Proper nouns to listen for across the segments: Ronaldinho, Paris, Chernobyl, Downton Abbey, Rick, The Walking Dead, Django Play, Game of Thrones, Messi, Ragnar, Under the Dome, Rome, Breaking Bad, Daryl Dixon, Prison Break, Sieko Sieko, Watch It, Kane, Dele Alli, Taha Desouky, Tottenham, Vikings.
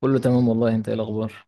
كله تمام والله، انت ايه الاخبار؟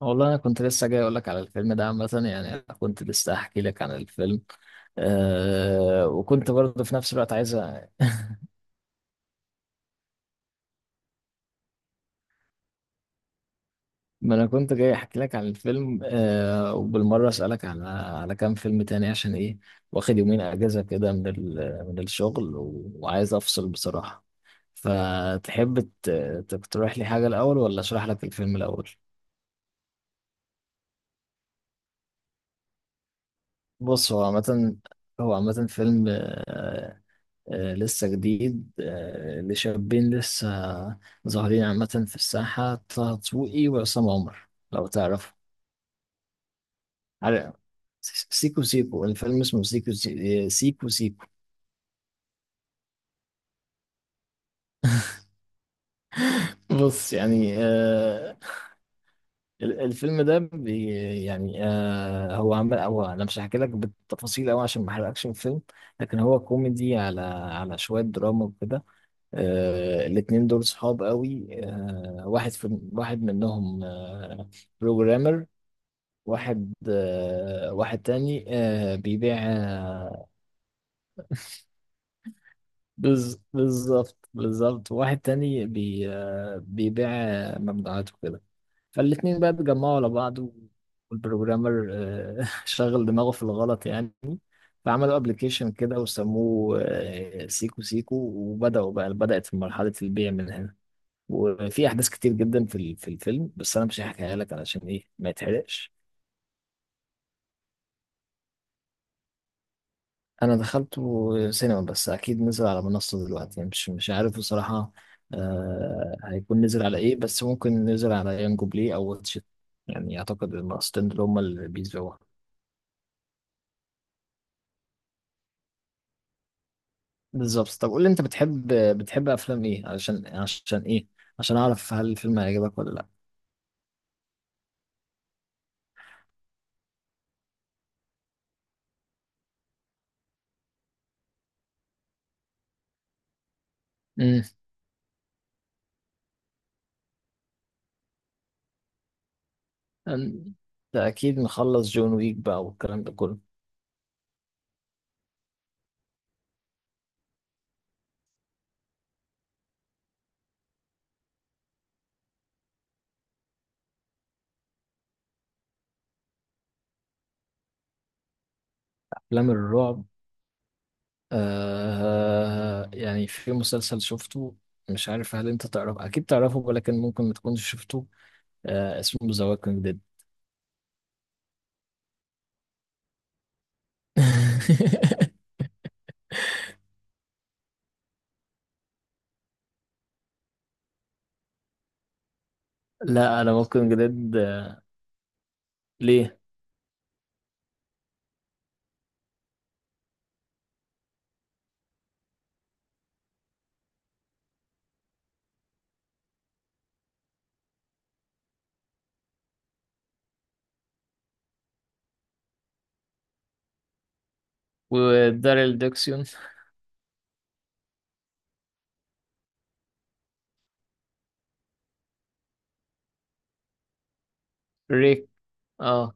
والله انا كنت لسه جاي اقول لك على الفيلم ده عامه، يعني انا كنت لسه احكي لك عن الفيلم. وكنت برضه في نفس الوقت عايز ما انا كنت جاي احكي لك عن الفيلم، وبالمره اسالك على كام فيلم تاني عشان ايه. واخد يومين اجازه كده من من الشغل وعايز افصل بصراحه. فتحب تقترح لي حاجه الاول ولا اشرح لك الفيلم الاول؟ بص، هو عامة فيلم، لسه جديد، لشابين لسه ظاهرين عامة في الساحة، طه دسوقي وعصام عمر، لو تعرفوا. عارف، سيكو سيكو. الفيلم اسمه سيكو سيكو. بص يعني، الفيلم ده يعني، هو عمل هو انا مش هحكي لك بالتفاصيل قوي عشان ما احرقكش الفيلم، لكن هو كوميدي على شوية دراما وكده. الاتنين دول صحاب قوي، واحد واحد منهم بروجرامر. واحد تاني بالظبط بالظبط. واحد تاني بي آه، بيبيع ممنوعات وكده. فالاتنين بقى اتجمعوا على بعض، والبروجرامر شغل دماغه في الغلط يعني. فعملوا ابلكيشن كده وسموه سيكو سيكو، وبدأوا بقى بدأت في مرحلة البيع من هنا. وفي أحداث كتير جدا في في الفيلم، بس أنا مش هحكيها لك علشان إيه ما يتحرقش. انا دخلته سينما، بس اكيد نزل على منصة دلوقتي، يعني مش عارف بصراحة. آه، هيكون نزل على ايه، بس ممكن نزل على يانجو بلاي او واتش إت. يعني اعتقد المنصتين دول هما اللي بيسبقوها. بالظبط. طب قول لي، انت بتحب افلام ايه؟ علشان ايه؟ عشان اعرف هل الفيلم هيعجبك ولا لا. امم. انت اكيد مخلص جون ويك بقى والكلام ده كله. افلام الرعب. يعني في مسلسل شفته، مش عارف هل انت تعرف، اكيد تعرفه ولكن ممكن ما تكونش شفته، اسمه ذا ووكينج ديد. لا، انا ووكينج ديد. ليه؟ وداريل ديكسيون. ريك. اه.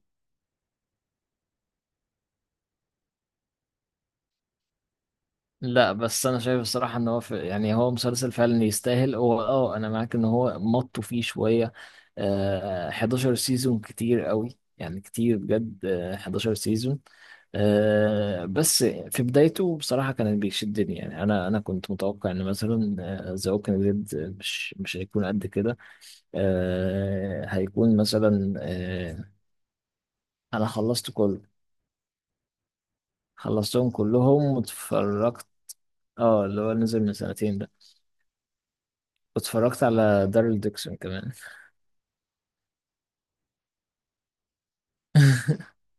لا بس انا شايف الصراحه ان هو في يعني هو مسلسل فعلا يستاهل. هو انا معاك ان هو مطوا فيه شويه. آه، 11 سيزون كتير قوي، يعني كتير بجد. 11 سيزون. بس في بدايته بصراحه كان بيشدني، يعني انا كنت متوقع ان مثلا ذا ووكينج ديد مش هيكون قد كده. هيكون مثلا انا خلصت كله، خلصتهم كلهم واتفرجت. اه، اللي هو نزل من سنتين ده. اتفرجت على دارل ديكسون كمان.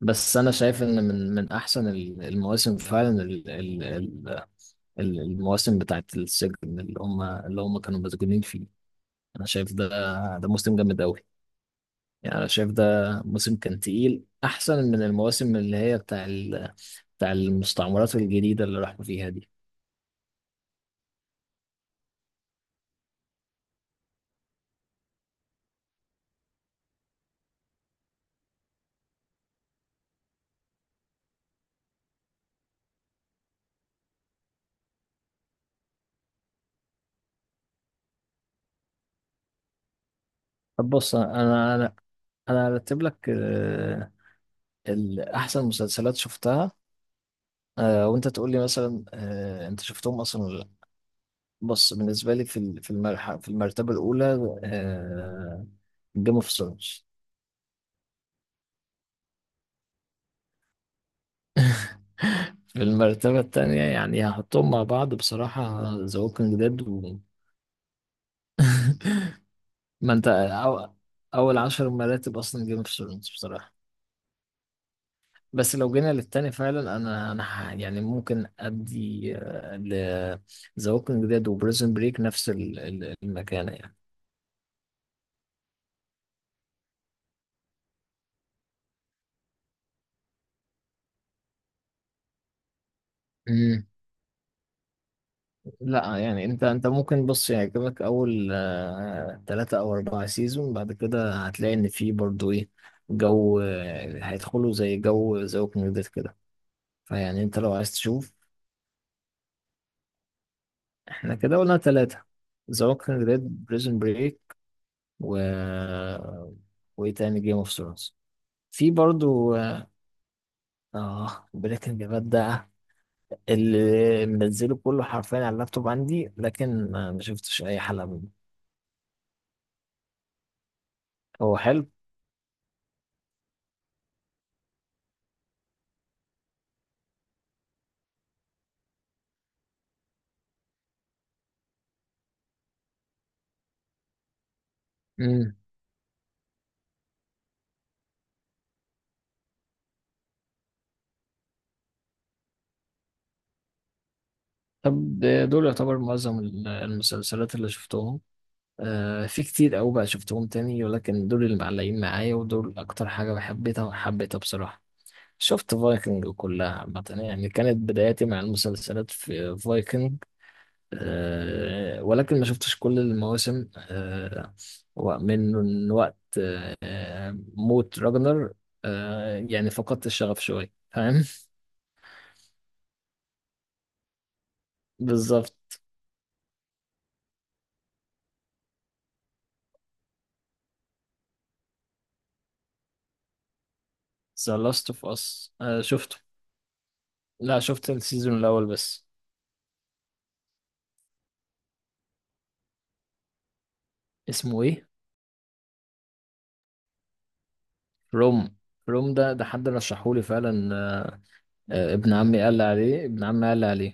بس انا شايف ان من احسن المواسم فعلا، المواسم بتاعت السجن، اللي هم كانوا مسجونين فيه. انا شايف ده، ده موسم جامد قوي. يعني انا شايف ده موسم كان تقيل، احسن من المواسم اللي هي بتاع بتاع المستعمرات الجديده اللي راحوا فيها دي. طب بص، انا هرتب لك احسن مسلسلات شفتها، وانت تقول لي مثلا انت شفتهم اصلا ولا. بص بالنسبة لي في ال- في المرحلة في المرتبة الأولى، آه، جيم اوف ثرونز. في المرتبة التانية يعني هحطهم مع بعض بصراحة، ذا ووكينج ديد ما انت أول 10 مراتب أصلا جيم اوف ثرونز بصراحة. بس لو جينا للتاني فعلا، أنا أنا يعني ممكن أدي آه، ل ذا ووكينج ديد وبريزن بريك نفس المكانة يعني. لا، يعني انت ممكن بص يعجبك اول 3 او 4 سيزون، بعد كده هتلاقي ان في برضو ايه، جو هيدخلوا زي جو ذا ووكينج ديد كده، فيعني انت لو عايز تشوف. احنا كده قلنا تلاتة، ذا ووكينج ديد، بريزون بريك، و، وايه تاني؟ جيم اوف ثرونز. في برضو اه بريكنج باد ده، اللي منزله كله حرفيا على اللابتوب عندي، لكن ما شفتش اي حلقة منه. هو حلو. مم. طب دول يعتبر معظم المسلسلات اللي شفتهم. في كتير أوي بقى شفتهم تاني، ولكن دول اللي معلقين معايا، ودول أكتر حاجة بحبيتها وحبيتها بصراحة. شفت فايكنج كلها عامة، يعني كانت بداياتي مع المسلسلات في فايكنج، ولكن ما شفتش كل المواسم. ومن وقت موت راجنر، يعني فقدت الشغف شوية، فاهم. بالظبط. ذا لاست اوف اس شفته. لا، شفت السيزون الاول بس. اسمه ايه؟ روم. روم ده حد رشحهولي فعلا، ابن عمي قال لي عليه، ابن عمي قال لي عليه.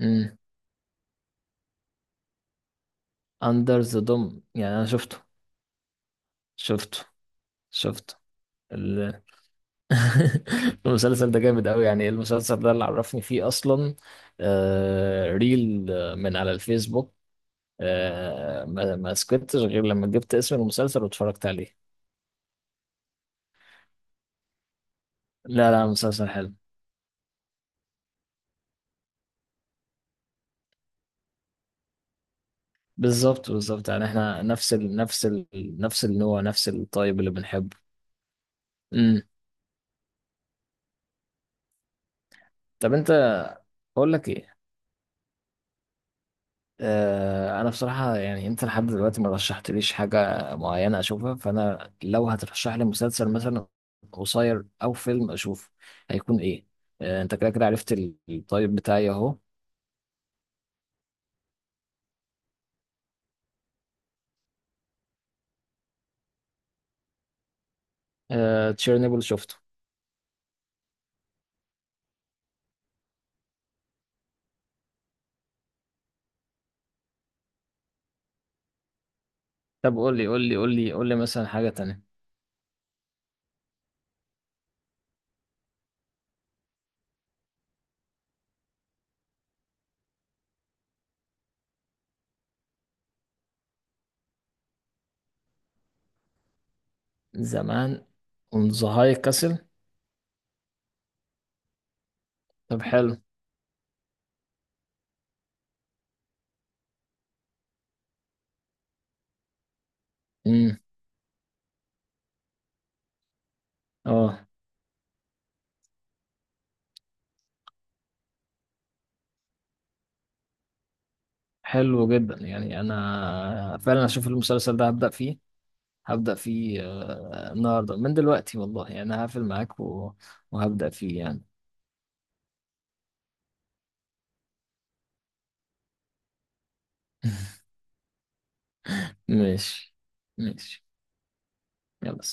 امم. اندر ذا دوم، يعني انا شفته، شفته، شفته ال... المسلسل ده جامد قوي يعني، إيه المسلسل ده اللي عرفني فيه اصلا؟ ريل، من على الفيسبوك. ما سكتش غير لما جبت اسم المسلسل واتفرجت عليه. لا لا، مسلسل حلو. بالظبط بالظبط، يعني احنا نفس نفس النوع، نفس الطيب اللي بنحبه. امم. طب انت، اقول لك ايه، اه انا بصراحه، يعني انت لحد دلوقتي ما رشحتليش حاجه معينه اشوفها، فانا لو هترشح لي مسلسل مثلا قصير او فيلم اشوفه، هيكون ايه؟ اه، انت كده كده عرفت الطيب بتاعي اهو. اه تشيرنوبل شفته. طب قول لي قول لي قول لي قول لي مثلا حاجه تانية. زمان. اون ذا هاي كاسل. طب حلو. امم. اه حلو جدا، يعني انا فعلا اشوف المسلسل ده، هبدأ فيه، هبدأ فيه النهارده من دلوقتي والله، يعني هقفل معاك وهبدأ فيه يعني. ماشي. ماشي يلا